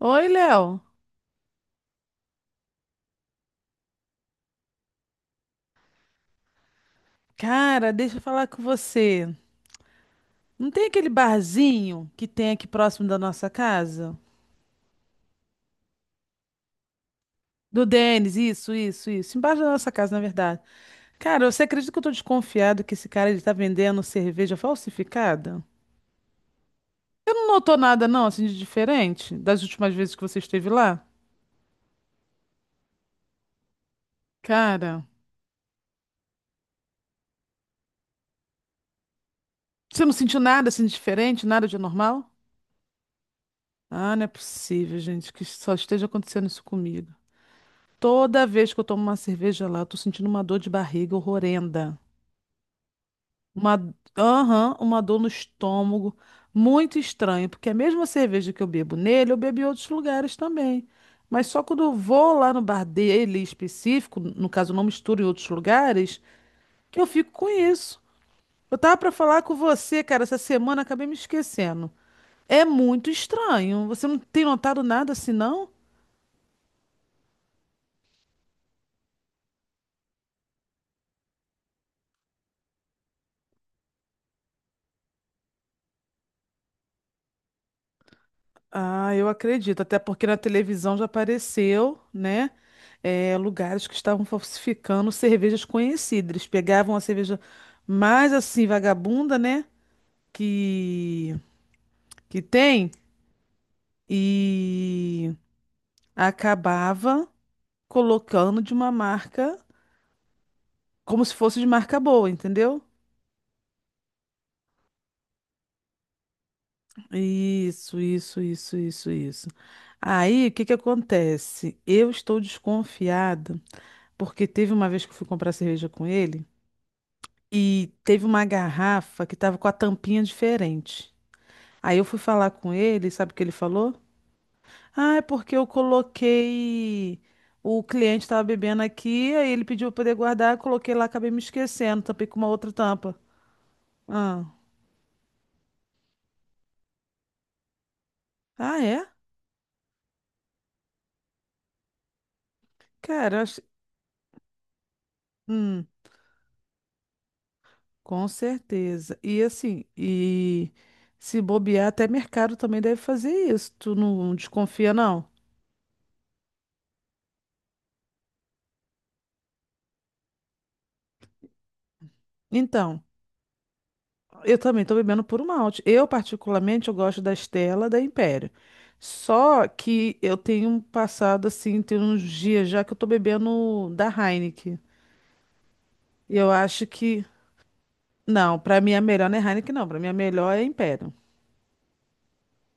Oi, Léo. Cara, deixa eu falar com você. Não tem aquele barzinho que tem aqui próximo da nossa casa? Do Denis, isso, isso, isso. Embaixo da nossa casa, na verdade. Cara, você acredita que eu tô desconfiado que esse cara ele tá vendendo cerveja falsificada? Você não notou nada, não, assim, de diferente das últimas vezes que você esteve lá? Cara, você não sentiu nada assim de diferente, nada de anormal? Ah, não é possível, gente, que só esteja acontecendo isso comigo. Toda vez que eu tomo uma cerveja lá, eu tô sentindo uma dor de barriga horrenda. Uma, aham, uma dor no estômago. Muito estranho, porque é a mesma cerveja que eu bebo nele, eu bebo em outros lugares também. Mas só quando eu vou lá no bar dele específico, no caso, eu não misturo em outros lugares, que eu fico com isso. Eu tava pra falar com você, cara, essa semana acabei me esquecendo. É muito estranho. Você não tem notado nada assim, não? Ah, eu acredito, até porque na televisão já apareceu, né? Lugares que estavam falsificando cervejas conhecidas. Eles pegavam a cerveja mais assim, vagabunda, né? Que, que tem, e acabava colocando de uma marca, como se fosse de marca boa, entendeu? Isso, isso, isso, isso, isso. Aí, o que que acontece? Eu estou desconfiada, porque teve uma vez que eu fui comprar cerveja com ele. E teve uma garrafa que estava com a tampinha diferente. Aí eu fui falar com ele, sabe o que ele falou? Ah, é porque eu coloquei. O cliente estava bebendo aqui, aí ele pediu para poder guardar, eu coloquei lá, acabei me esquecendo, tampei com uma outra tampa. Ah, ah é? Cara, hum, com certeza. E assim, e se bobear, até mercado também deve fazer isso. Tu não desconfia, não? Então. Eu também estou bebendo puro malte. Eu, particularmente, eu gosto da Stella da Império. Só que eu tenho passado, assim, tem uns dias já que eu estou bebendo da Heineken. E eu acho que... Não, para mim a melhor não é Heineken, não. Para mim a melhor é Império.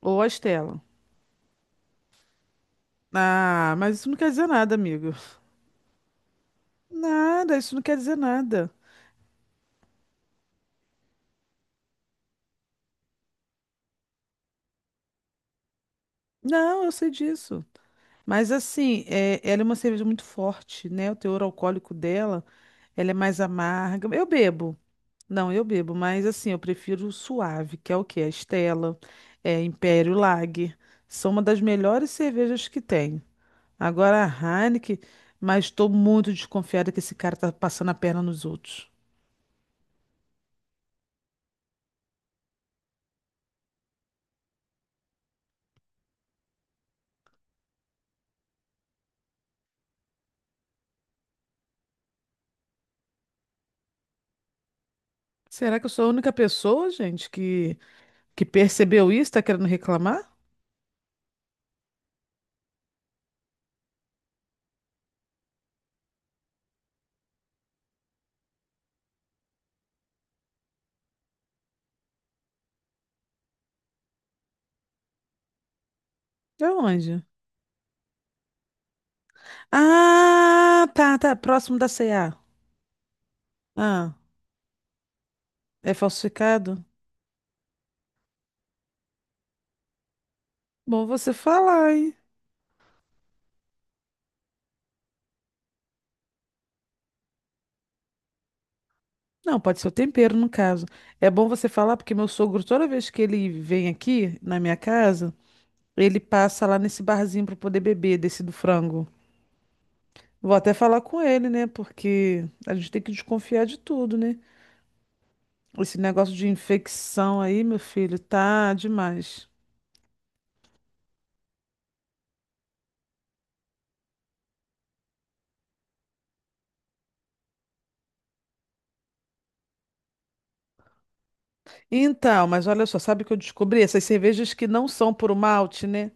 Ou a Stella. Ah, mas isso não quer dizer nada, amigo. Nada, isso não quer dizer nada. Não, eu sei disso. Mas assim, é, ela é uma cerveja muito forte, né? O teor alcoólico dela, ela é mais amarga. Eu bebo. Não, eu bebo, mas assim, eu prefiro o suave, que é o quê? A Stella, é Império Lager. São uma das melhores cervejas que tem. Agora a Heineken, mas estou muito desconfiada que esse cara tá passando a perna nos outros. Será que eu sou a única pessoa, gente, que percebeu isso, tá querendo reclamar? É onde? Ah, tá, tá, próximo da C&A. Ah, é falsificado? Bom você falar, hein? Não, pode ser o tempero, no caso. É bom você falar, porque meu sogro, toda vez que ele vem aqui na minha casa, ele passa lá nesse barzinho para poder beber desse do frango. Vou até falar com ele, né? Porque a gente tem que desconfiar de tudo, né? Esse negócio de infecção aí, meu filho, tá demais. Então, mas olha só, sabe o que eu descobri? Essas cervejas que não são puro malte, né?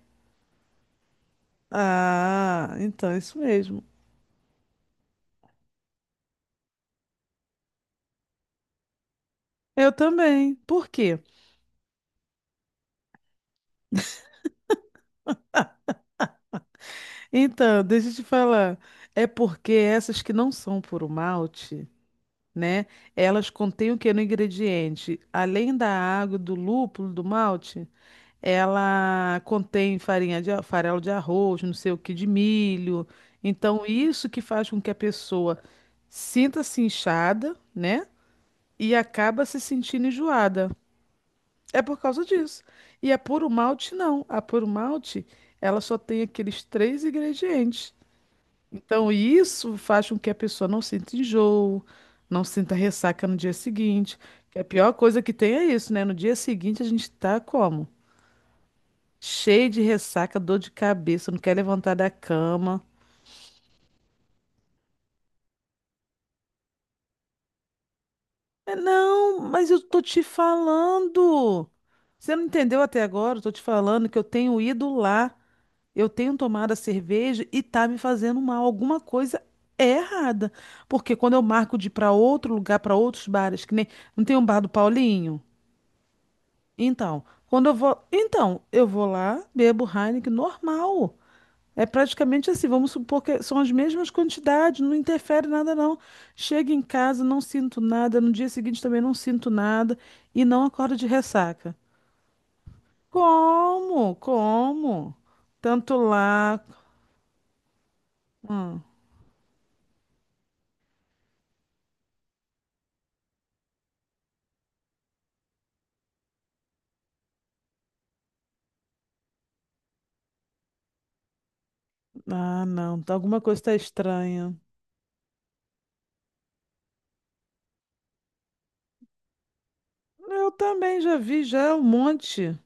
Ah, então, isso mesmo. Eu também. Por quê? Então, deixa eu te falar. É porque essas que não são puro malte, né? Elas contêm o que no ingrediente? Além da água, do lúpulo, do malte, ela contém farinha de farelo de arroz, não sei o que, de milho. Então, isso que faz com que a pessoa sinta-se inchada, né? E acaba se sentindo enjoada. É por causa disso. E a puro malte, não. A puro malte, ela só tem aqueles três ingredientes. Então, isso faz com que a pessoa não sinta enjoo, não sinta ressaca no dia seguinte. Que a pior coisa que tem é isso, né? No dia seguinte a gente tá como? Cheio de ressaca, dor de cabeça, não quer levantar da cama. É, não, mas eu tô te falando. Você não entendeu até agora? Eu tô te falando que eu tenho ido lá, eu tenho tomado a cerveja e tá me fazendo mal. Alguma coisa é errada. Porque quando eu marco de ir pra outro lugar, pra outros bares, que nem. Não tem um bar do Paulinho? Então, quando eu vou, então, eu vou lá, bebo Heineken normal. É praticamente assim, vamos supor que são as mesmas quantidades, não interfere nada não. Chego em casa, não sinto nada, no dia seguinte também não sinto nada e não acordo de ressaca. Como? Como? Tanto lá. Hum. Ah, não, alguma coisa está estranha. Eu também já vi já um monte.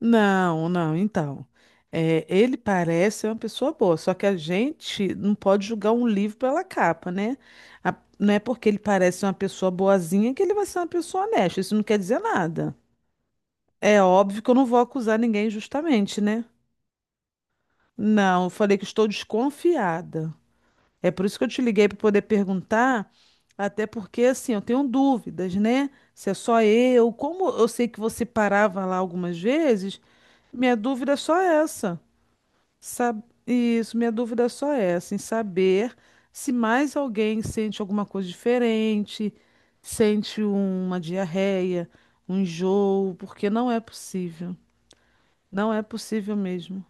Não, não, então. É, ele parece ser uma pessoa boa, só que a gente não pode julgar um livro pela capa, né? Não é porque ele parece ser uma pessoa boazinha que ele vai ser uma pessoa honesta, isso não quer dizer nada. É óbvio que eu não vou acusar ninguém injustamente, né? Não, eu falei que estou desconfiada. É por isso que eu te liguei para poder perguntar, até porque, assim, eu tenho dúvidas, né? Se é só eu, como eu sei que você parava lá algumas vezes, minha dúvida é só essa. Isso, minha dúvida só é, assim, saber se mais alguém sente alguma coisa diferente, sente uma diarreia, um enjoo, porque não é possível. Não é possível mesmo.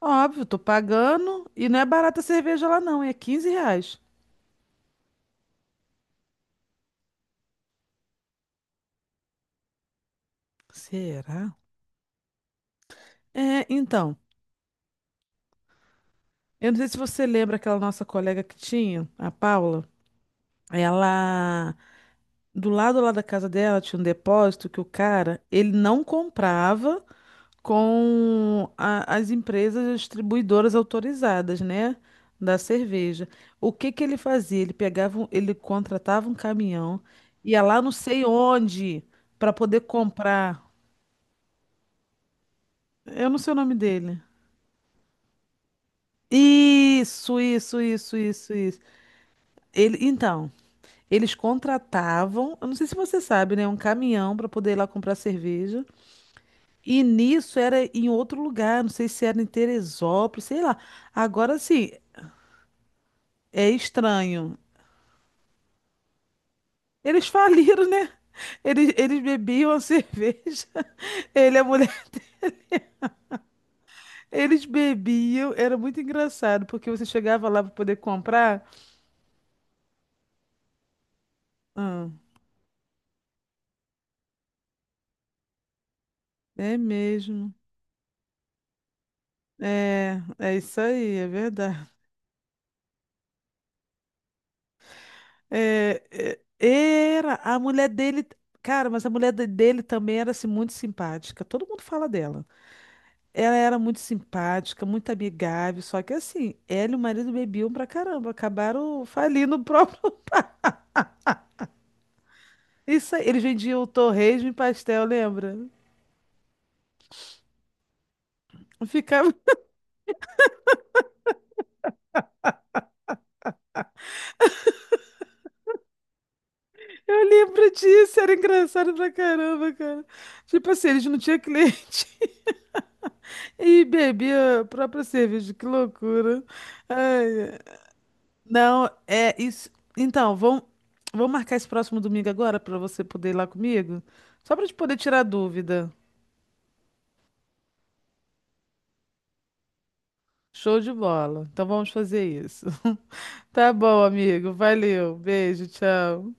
Óbvio, tô pagando e não é barata a cerveja lá não, é R$ 15. Será? É, então, eu não sei se você lembra aquela nossa colega que tinha, a Paula. Ela, do lado lá da casa dela tinha um depósito que o cara, ele não comprava com as empresas distribuidoras autorizadas, né, da cerveja. O que que ele fazia? Ele pegava, ele contratava um caminhão, ia lá não sei onde para poder comprar. Eu não sei o nome dele. Isso, isso, isso, isso, isso. Ele, então, eles contratavam, eu não sei se você sabe, né, um caminhão para poder ir lá comprar cerveja. E nisso era em outro lugar, não sei se era em Teresópolis, sei lá. Agora sim, é estranho. Eles faliram, né? Eles bebiam a cerveja. Ele, e a mulher, eles bebiam. Era muito engraçado, porque você chegava lá para poder comprar. Ah, é mesmo. É, é isso aí, é verdade. É, é, era a mulher dele. Cara, mas a mulher dele também era assim, muito simpática. Todo mundo fala dela. Ela era muito simpática, muito amigável. Só que assim, ela e o marido bebiam pra caramba. Acabaram falindo o próprio. Isso aí, eles vendiam torresmo e pastel, lembra? Ficava. Eu lembro disso, era engraçado pra caramba, cara. Tipo assim, eles não tinham cliente e bebia a própria cerveja, que loucura. Ai, não, é isso. Então, vamos, vamos marcar esse próximo domingo agora pra você poder ir lá comigo? Só pra te poder tirar dúvida. Show de bola. Então vamos fazer isso. Tá bom, amigo. Valeu. Beijo, tchau.